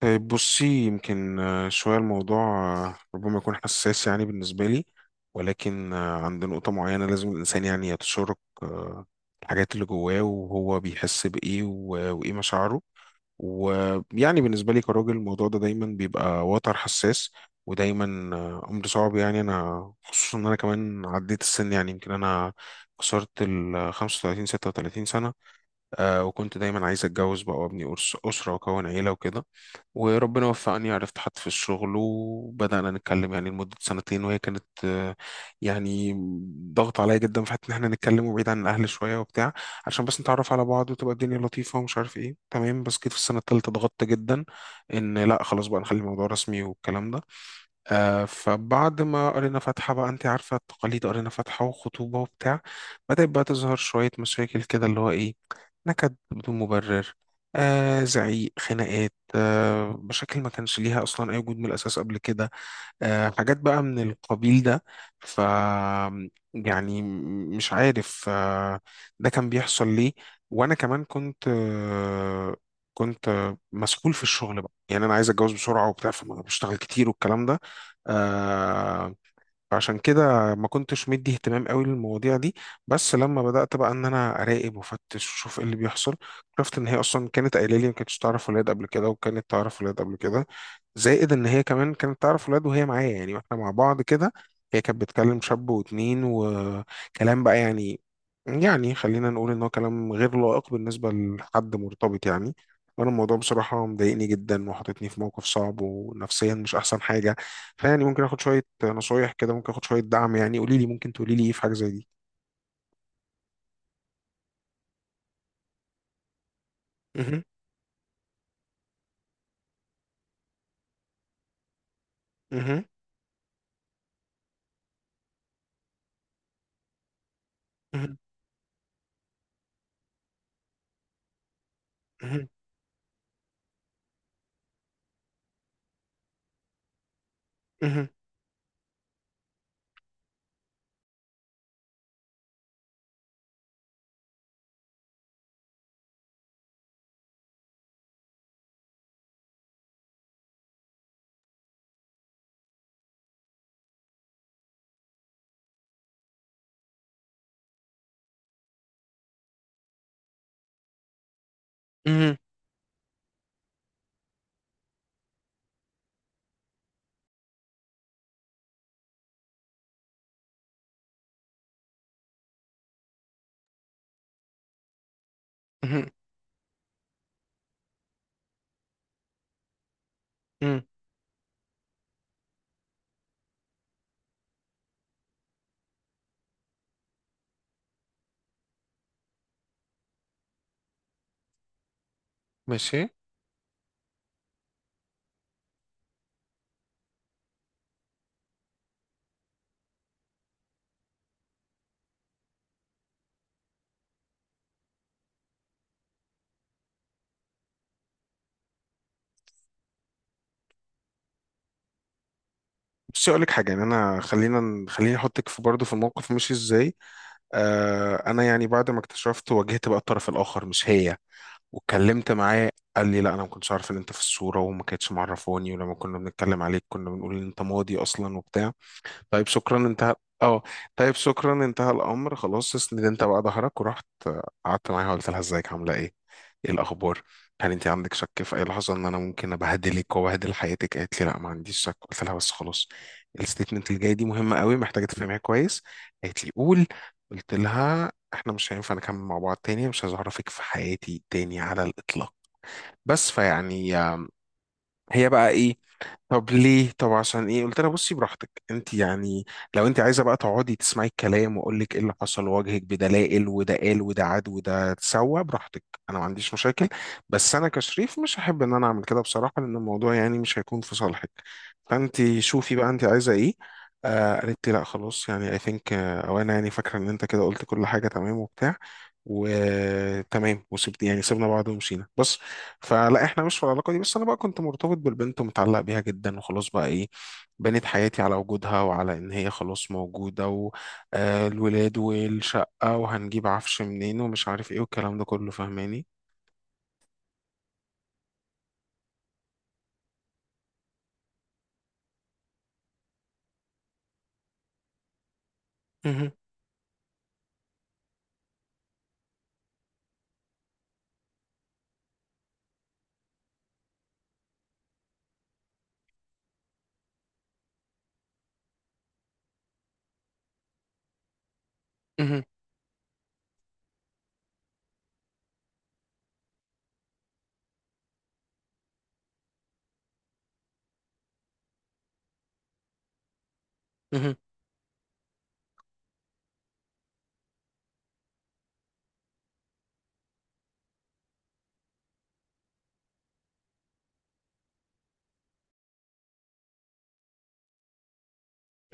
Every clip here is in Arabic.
طيب بصي يمكن شوية الموضوع ربما يكون حساس يعني بالنسبة لي، ولكن عند نقطة معينة لازم الإنسان يعني يتشارك آه، الحاجات اللي جواه وهو بيحس بإيه وإيه مشاعره. ويعني بالنسبة لي كراجل الموضوع ده دايما بيبقى وتر حساس، ودايما أمر صعب، يعني أنا خصوصا إن أنا كمان عديت السن، يعني يمكن أنا كسرت ال 35 36 سنة. وكنت دايما عايز أتجوز بقى وأبني أسرة وأكون عيلة وكده. وربنا وفقني، عرفت حد في الشغل وبدأنا نتكلم يعني لمدة سنتين، وهي كانت يعني ضغط عليا جدا في حتة إن إحنا نتكلم وبعيد عن الأهل شوية وبتاع، عشان بس نتعرف على بعض وتبقى الدنيا لطيفة ومش عارف إيه، تمام. بس جيت في السنة التالتة ضغطت جدا إن لأ خلاص بقى نخلي الموضوع رسمي والكلام ده. فبعد ما قرينا فاتحة بقى انت عارفة التقاليد، قرينا فاتحة وخطوبة وبتاع، بدأت بقى تظهر شوية مشاكل كده، اللي هو ايه، نكد بدون مبرر، زعيق، خناقات، مشاكل ما كانش ليها اصلا اي وجود من الاساس قبل كده، حاجات بقى من القبيل ده. ف يعني مش عارف ده كان بيحصل ليه. وانا كمان كنت مسحول في الشغل بقى، يعني انا عايز اتجوز بسرعه وبتاع، فبشتغل كتير والكلام ده. آه، فعشان كده ما كنتش مدي اهتمام قوي للمواضيع دي. بس لما بدأت بقى ان انا اراقب وافتش واشوف ايه اللي بيحصل، عرفت ان هي اصلا كانت قايله لي ما كانتش تعرف ولاد قبل كده، وكانت تعرف ولاد قبل كده، زائد ان هي كمان كانت تعرف ولاد وهي معايا، يعني واحنا مع بعض كده. هي كانت بتكلم شاب واتنين وكلام بقى، يعني يعني خلينا نقول ان هو كلام غير لائق بالنسبة لحد مرتبط يعني. وانا الموضوع بصراحة مضايقني جدا وحاططني في موقف صعب، ونفسيا مش احسن حاجة. فيعني ممكن اخد شويه نصايح كده، ممكن اخد شويه دعم، يعني قولي لي، ممكن تقولي لي ايه في حاجه زي دي؟ مهم، مهم، مهم، مهم، مهم، مهم، مهم، مهم. ماشي. بصي اقول لك حاجه، يعني انا خلينا خليني احطك في برضه في الموقف ماشي ازاي. انا يعني بعد ما اكتشفت واجهت بقى الطرف الاخر مش هي، واتكلمت معاه قال لي لا انا ما كنتش عارف ان انت في الصوره، وما كانتش معرفاني، ولما كنا بنتكلم عليك كنا بنقول ان انت ماضي اصلا وبتاع. طيب شكرا، انتهى. اه. طيب شكرا، انتهى الامر خلاص. اسند انت بقى ظهرك. ورحت قعدت معاها قلت لها ازيك، عامله ايه، ايه الاخبار؟ هل انت عندك شك في اي لحظه ان انا ممكن ابهدلك وابهدل حياتك؟ قالت لي لا ما عنديش شك. قلت لها بس خلاص، الستيتمنت اللي جاي دي مهمه قوي محتاجه تفهميها كويس. قالت لي قول. قلت لها احنا مش هينفع نكمل مع بعض تاني، مش عايز اعرفك في حياتي تاني على الاطلاق. بس. فيعني هي بقى ايه؟ طب ليه، طب عشان ايه؟ قلت لها بصي براحتك انت يعني، لو انت عايزه بقى تقعدي تسمعي الكلام واقول لك ايه اللي حصل واواجهك بدلائل وده قال وده عاد وده، اتسوى براحتك، انا ما عنديش مشاكل. بس انا كشريف مش هحب ان انا اعمل كده بصراحه، لان الموضوع يعني مش هيكون في صالحك. فانت شوفي بقى انت عايزه ايه. قالت لي لا خلاص، يعني اي ثينك، او انا يعني فاكره ان انت كده قلت كل حاجه تمام وبتاع وتمام، وسبت، يعني سيبنا بعض ومشينا بس. فلا احنا مش في العلاقه دي. بس انا بقى كنت مرتبط بالبنت ومتعلق بيها جدا، وخلاص بقى ايه، بنيت حياتي على وجودها وعلى ان هي خلاص موجوده، والولاد والشقه وهنجيب عفش منين ومش عارف ايه والكلام ده كله، فاهماني. مهم، مهم، مهم،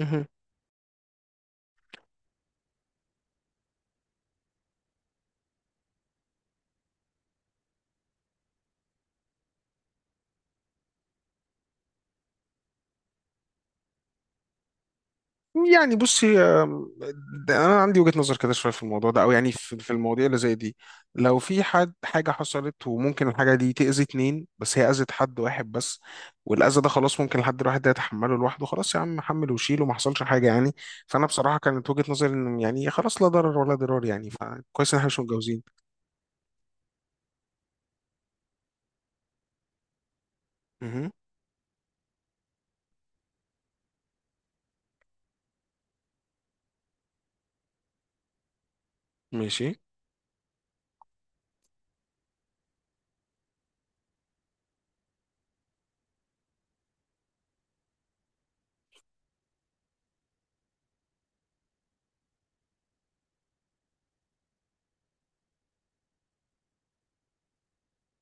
مهم. يعني بصي ده انا عندي وجهة نظر كده شويه في الموضوع ده، او يعني في المواضيع اللي زي دي، لو في حد حاجه حصلت وممكن الحاجه دي تاذي اتنين، بس هي اذت حد واحد بس، والاذى ده خلاص ممكن الحد الواحد ده يتحمله لوحده، خلاص يا عم حمل وشيل وما حصلش حاجه يعني. فانا بصراحه كانت وجهة نظري ان يعني خلاص، لا ضرر ولا ضرار يعني، فكويس ان احنا مش متجوزين. مهم. ماشي.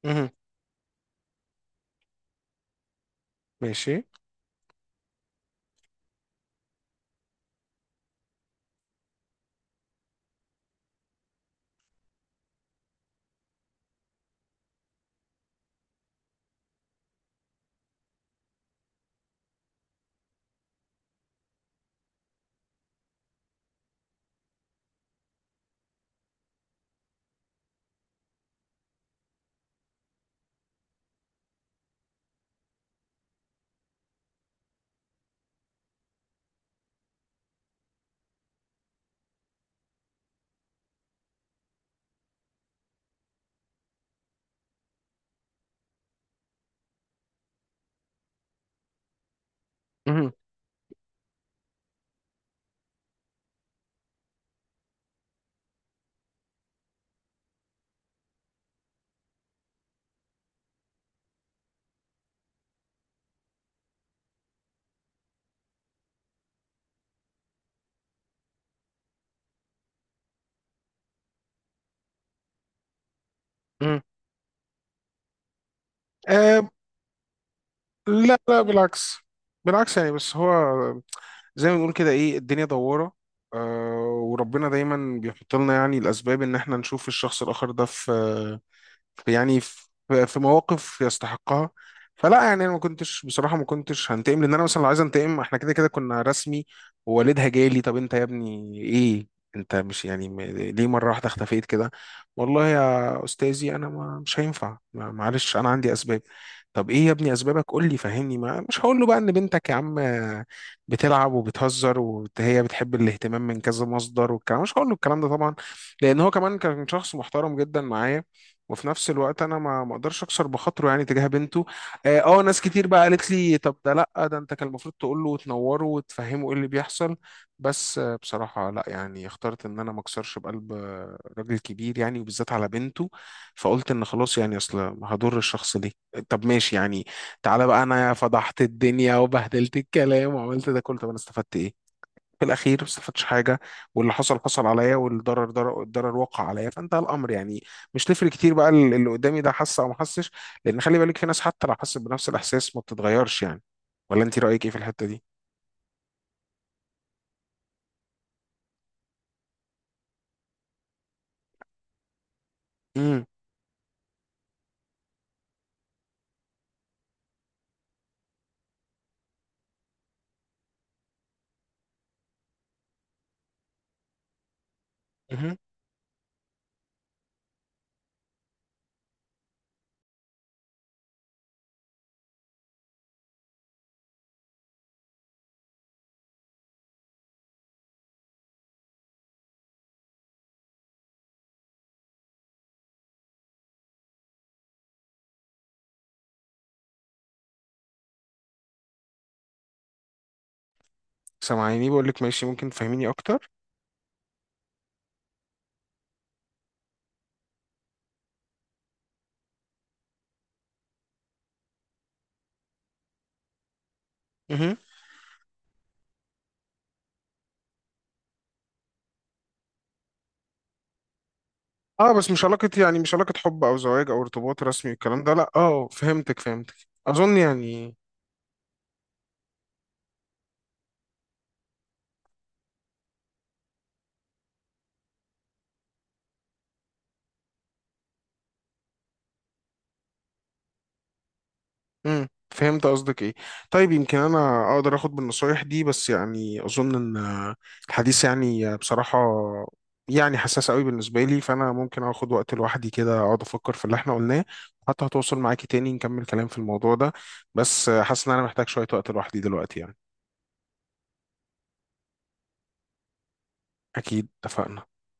مهم. ماشي. مهم. مهم. آه لا لا، بالعكس، بالعكس يعني. بس هو زي ما بنقول كده، ايه، الدنيا دوارة، وربنا دايما بيحط لنا يعني الأسباب إن احنا نشوف الشخص الآخر ده في يعني في مواقف يستحقها. فلا يعني انا ما كنتش بصراحه، ما كنتش هنتقم، لان انا مثلا لو عايز انتقم احنا كده كده كنا رسمي، ووالدها جالي طب انت يا ابني ايه، انت مش يعني ليه مره واحده اختفيت كده؟ والله يا استاذي انا ما مش هينفع معلش انا عندي اسباب. طب ايه يا ابني اسبابك، قول لي فهمني. ما مش هقول له بقى ان بنتك يا عم بتلعب وبتهزر وهي بتحب الاهتمام من كذا مصدر والكلام، مش هقول له الكلام ده طبعا، لان هو كمان كان شخص محترم جدا معايا. وفي نفس الوقت انا ما اقدرش اكسر بخاطره يعني تجاه بنته. اه ناس كتير بقى قالت لي طب ده، لا ده انت كان المفروض تقول له وتنوره وتفهمه ايه اللي بيحصل. بس بصراحة لا، يعني اخترت ان انا ما اكسرش بقلب راجل كبير، يعني وبالذات على بنته. فقلت ان خلاص، يعني اصل هضر الشخص ده. طب ماشي يعني، تعالى بقى، انا فضحت الدنيا وبهدلت الكلام وعملت ده كله، طب انا استفدت ايه في الاخير؟ ما استفدتش حاجه، واللي حصل حصل عليا، والضرر الضرر وقع عليا، فانتهى الامر يعني. مش تفرق كتير بقى اللي قدامي ده حس او ما حسش، لان خلي بالك في ناس حتى لو حست بنفس الاحساس ما بتتغيرش يعني. ولا انت رايك ايه في الحته دي؟ امم. اها. سامعيني، بقول لك ماشي ممكن تفهميني اكتر. اها. اه بس مش علاقه، يعني مش علاقه حب او زواج او ارتباط رسمي والكلام ده، لا. اه فهمتك، فهمتك. اظن يعني، امم، فهمت قصدك ايه. طيب يمكن انا اقدر اخد بالنصايح دي، بس يعني اظن ان الحديث يعني بصراحة يعني حساس قوي بالنسبة لي، فانا ممكن اخد وقت لوحدي كده اقعد افكر في اللي احنا قلناه، حتى هتوصل معاكي تاني نكمل كلام في الموضوع ده. بس حاسس ان انا محتاج شوية وقت لوحدي دلوقتي يعني. اكيد، اتفقنا.